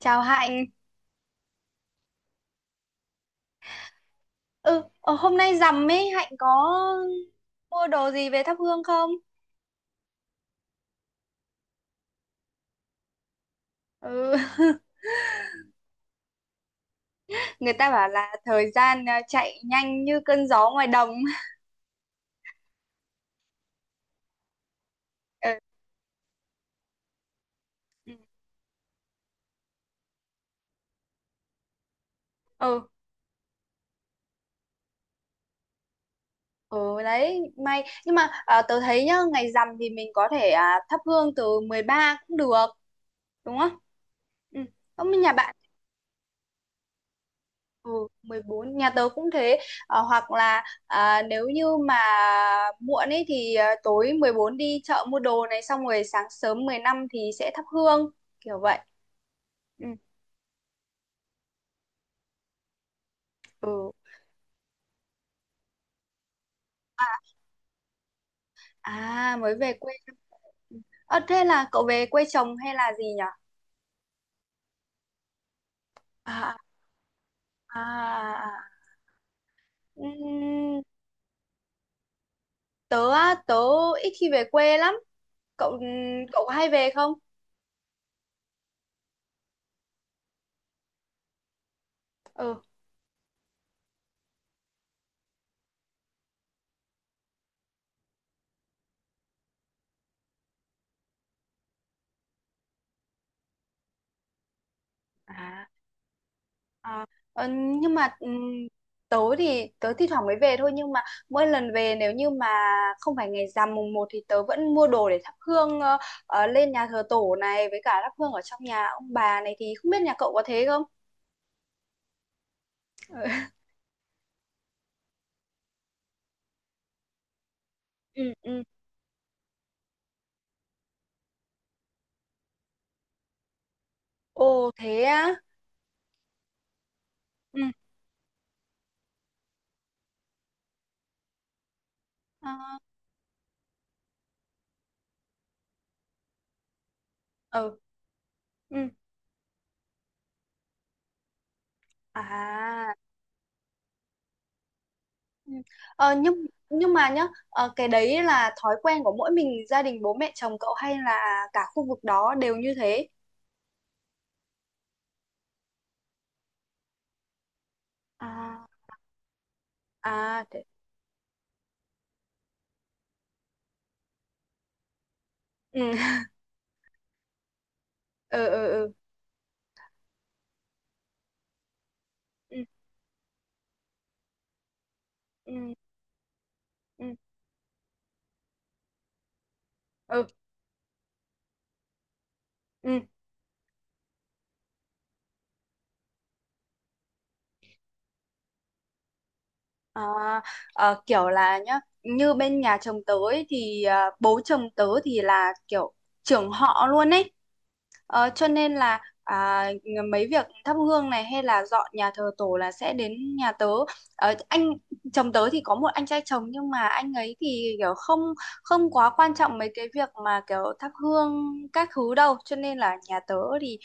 Chào Hạnh. Ừ, ờ, hôm nay rằm ấy, Hạnh có mua đồ gì về thắp hương không? Ừ, người ta bảo là thời gian chạy nhanh như cơn gió ngoài đồng. Ừ, ừ, ừ ừ, đấy, may. Nhưng mà tớ thấy nhá, ngày rằm thì mình có thể thắp hương từ 13 cũng được, đúng không? Ừ, không nhà bạn. Ừ, 14 nhà tớ cũng thế. Ờ, hoặc là nếu như mà muộn ấy thì tối 14 đi chợ mua đồ này xong rồi sáng sớm 15 thì sẽ thắp hương kiểu vậy. Ừ. Ừ. À, à mới về quê. Ờ, thế là cậu về quê chồng hay là gì nhở? À, à, à. Ừm, tớ á, tớ ít khi về quê lắm. Cậu cậu có hay về không? Ừ. À. À, ờ, nhưng mà tớ thì tớ thi thoảng mới về thôi, nhưng mà mỗi lần về nếu như mà không phải ngày rằm mùng một thì tớ vẫn mua đồ để thắp hương lên nhà thờ tổ này với cả thắp hương ở trong nhà ông bà này, thì không biết nhà cậu có thế không? Ừ. Ừ ừ. Ồ thế á. Ừ. Ờ, ừ ừ, à, ừ. Ờ, nhưng mà nhá cái đấy là thói quen của mỗi mình gia đình bố mẹ chồng cậu hay là cả khu vực đó đều như thế? À à thế. Ừ. Ừ ừ ừ ừ ừ ừ ừ ừ. À, kiểu là nhá như bên nhà chồng tớ ấy, thì bố chồng tớ thì là kiểu trưởng họ luôn ấy. Ờ, cho nên là mấy việc thắp hương này hay là dọn nhà thờ tổ là sẽ đến nhà tớ. Ờ, anh chồng tớ thì có một anh trai chồng, nhưng mà anh ấy thì kiểu không không quá quan trọng mấy cái việc mà kiểu thắp hương các thứ đâu, cho nên là nhà tớ thì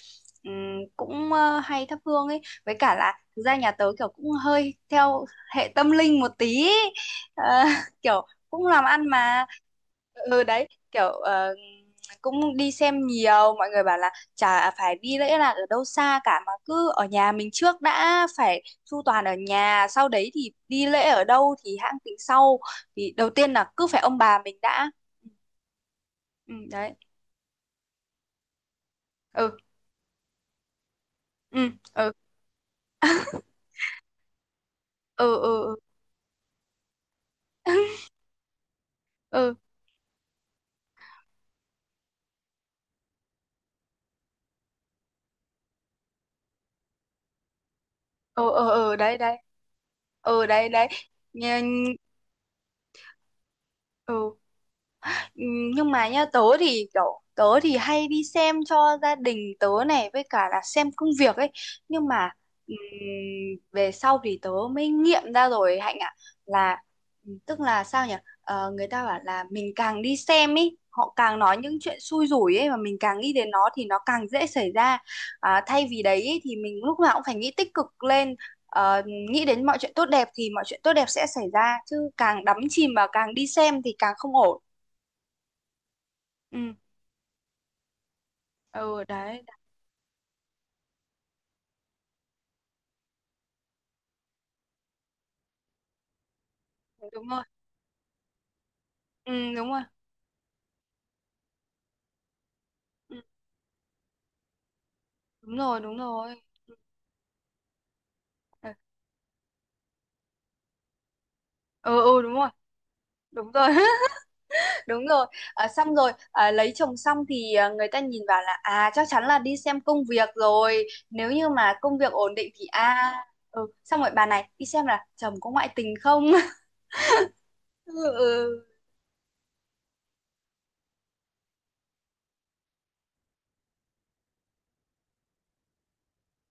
ừm, cũng hay thắp hương ấy, với cả là thực ra nhà tớ kiểu cũng hơi theo hệ tâm linh một tí ý. Ờ, kiểu cũng làm ăn mà. Ừ đấy kiểu cũng đi xem nhiều, mọi người bảo là chả phải đi lễ là ở đâu xa cả mà cứ ở nhà mình trước đã, phải chu toàn ở nhà sau đấy thì đi lễ ở đâu thì hãng tính sau, thì đầu tiên là cứ phải ông bà mình đã. Ừ, đấy. Ừ ừ ừ ừ ừ ừ ừ ừ ừ ừ, đấy đấy. Ừ đấy đấy. Nhìn- ừ. Ừ, nhưng mà nha tớ thì kiểu tớ thì hay đi xem cho gia đình tớ này với cả là xem công việc ấy, nhưng mà ừm, về sau thì tớ mới nghiệm ra rồi Hạnh ạ, là tức là sao nhỉ. Ờ, người ta bảo là mình càng đi xem ấy họ càng nói những chuyện xui rủi ấy, mà mình càng nghĩ đến nó thì nó càng dễ xảy ra, thay vì đấy ấy, thì mình lúc nào cũng phải nghĩ tích cực lên, ờ, nghĩ đến mọi chuyện tốt đẹp thì mọi chuyện tốt đẹp sẽ xảy ra, chứ càng đắm chìm và càng đi xem thì càng không ổn. Ừ. Ừ đấy đấy, đúng rồi. Ừ đúng rồi. Ừ, đúng rồi đúng rồi. Ừ ừ ừ, đúng rồi đúng rồi. Đúng rồi. À, xong rồi lấy chồng xong thì người ta nhìn vào là à chắc chắn là đi xem công việc rồi, nếu như mà công việc ổn định thì à. Ừ xong rồi bà này đi xem là chồng có ngoại tình không. Ừ ừ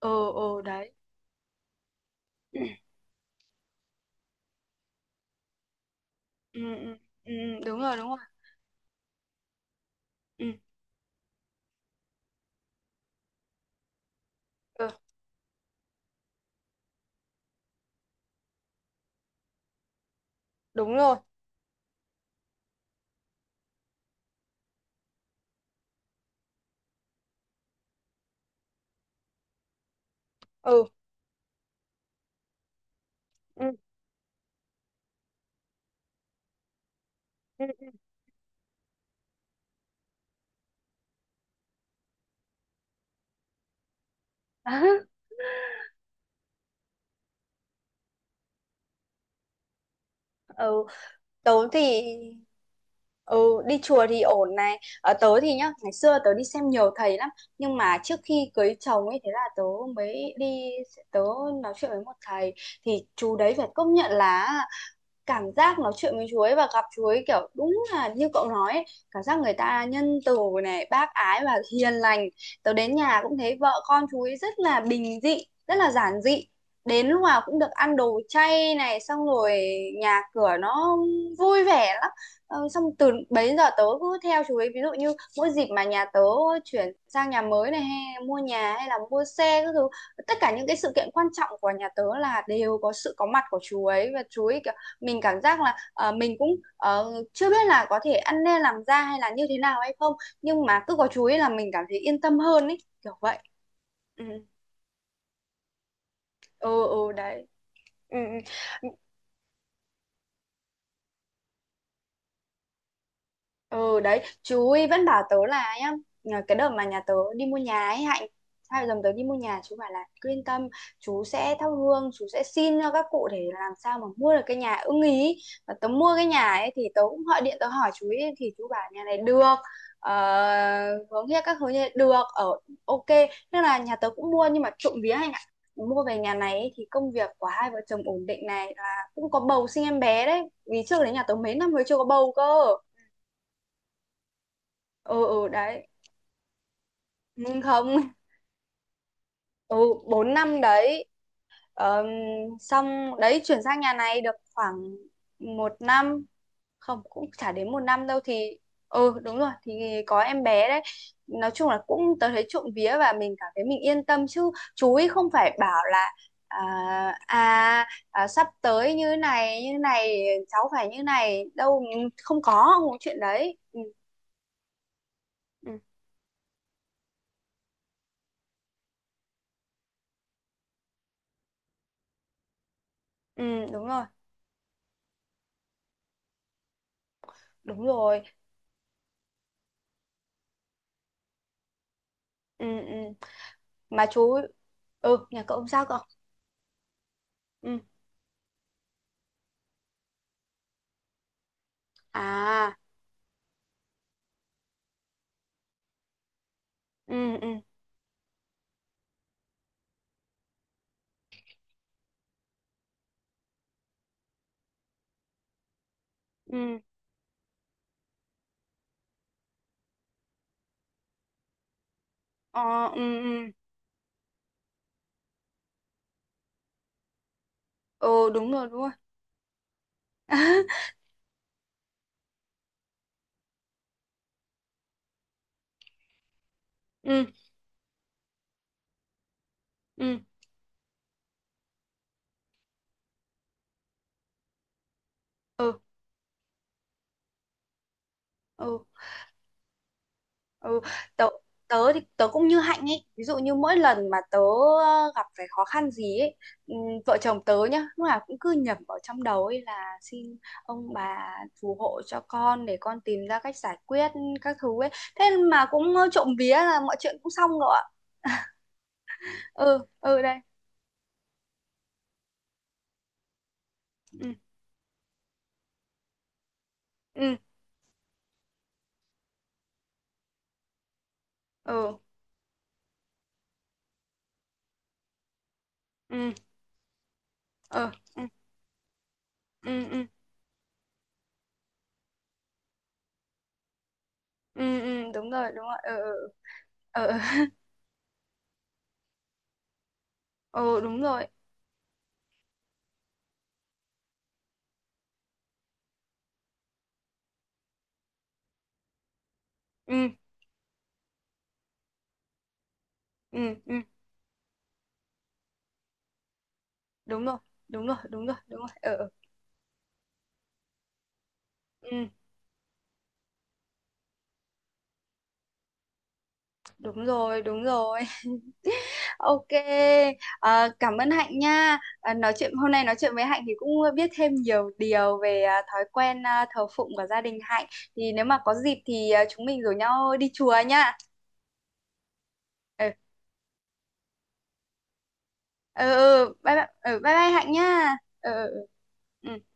ừ ừ, đấy. Ừ, ừ, ừ, ừ, đúng rồi đúng rồi. Ừ, ừ đúng rồi. Ừ ừ ừ. Ừ tớ thì ừ, đi chùa thì ổn này, ở tớ thì nhá ngày xưa tớ đi xem nhiều thầy lắm, nhưng mà trước khi cưới chồng ấy, thế là tớ mới đi, tớ nói chuyện với một thầy thì chú đấy phải công nhận là cảm giác nói chuyện với chú ấy và gặp chú ấy kiểu đúng là như cậu nói ấy, cảm giác người ta nhân từ này bác ái và hiền lành. Tớ đến nhà cũng thấy vợ con chú ấy rất là bình dị, rất là giản dị, đến lúc nào cũng được ăn đồ chay này xong rồi nhà cửa nó vui vẻ lắm. Ờ, xong từ bấy giờ tớ cứ theo chú ấy, ví dụ như mỗi dịp mà nhà tớ chuyển sang nhà mới này hay mua nhà hay là mua xe các thứ, tất cả những cái sự kiện quan trọng của nhà tớ là đều có sự có mặt của chú ấy, và chú ấy kiểu mình cảm giác là, ờ, mình cũng, ờ, chưa biết là có thể ăn nên làm ra hay là như thế nào hay không, nhưng mà cứ có chú ấy là mình cảm thấy yên tâm hơn ấy, kiểu vậy. Ừm, ừ, ừ, đấy. Ừm, ừm. Ừ đấy chú ấy vẫn bảo tớ là nhá, nhờ cái đợt mà nhà tớ đi mua nhà ấy Hạnh, hai vợ chồng tớ đi mua nhà chú bảo là cứ yên tâm, chú sẽ thắp hương chú sẽ xin cho các cụ để làm sao mà mua được cái nhà ưng ý. Và tớ mua cái nhà ấy thì tớ cũng gọi điện tớ hỏi chú ấy, thì chú bảo nhà này được, ờ, hướng kia các hướng kia được ở, ok. Nên là nhà tớ cũng mua, nhưng mà trộm vía Hạnh ạ, mua về nhà này ấy, thì công việc của hai vợ chồng ổn định này, là cũng có bầu sinh em bé đấy, vì trước đấy nhà tớ mấy năm mới chưa có bầu cơ. Ừ ừ đấy. Nhưng không ừ bốn năm đấy. Ờm, xong đấy chuyển sang nhà này được khoảng một năm, không cũng chả đến một năm đâu thì ừ đúng rồi thì có em bé đấy. Nói chung là cũng tớ thấy trộm vía và mình cảm thấy mình yên tâm, chứ chú ý không phải bảo là à, à sắp tới như này cháu phải như này đâu, không có chuyện đấy. Ừ, ừ, ừ đúng rồi đúng rồi. Ừ, ừ. Mà chú ừ nhà cậu sao cậu. Ừ à ừ ừ ừ ờ ừ ừ ừ đúng rồi ừ ừ ừ ừ ừ. Tớ tớ thì tớ cũng như Hạnh ấy, ví dụ như mỗi lần mà tớ gặp phải khó khăn gì ấy, ừ, vợ chồng tớ nhá lúc nào cũng cứ nhẩm vào trong đầu ấy là xin ông bà phù hộ cho con để con tìm ra cách giải quyết các thứ ấy, thế mà cũng trộm vía là mọi chuyện cũng xong rồi ạ. Ừ ừ đây. Ừ ừ ừ ừ ờ ừ ừ ừ ừ ừ, đúng rồi ờ ờ ờ ờ ờ, đúng rồi ừ ừ ừ đúng rồi đúng rồi đúng rồi đúng rồi ờ ờ, ừ đúng rồi đúng rồi. Ok. Ờ, cảm ơn Hạnh nha. Ờ, nói chuyện hôm nay, nói chuyện với Hạnh thì cũng biết thêm nhiều điều về thói quen thờ phụng của gia đình Hạnh, thì nếu mà có dịp thì chúng mình rủ nhau đi chùa nha. Ờ ờ ờ, bye bye bye bye Hạnh nha. Ờ ờ, ờ. Ừ.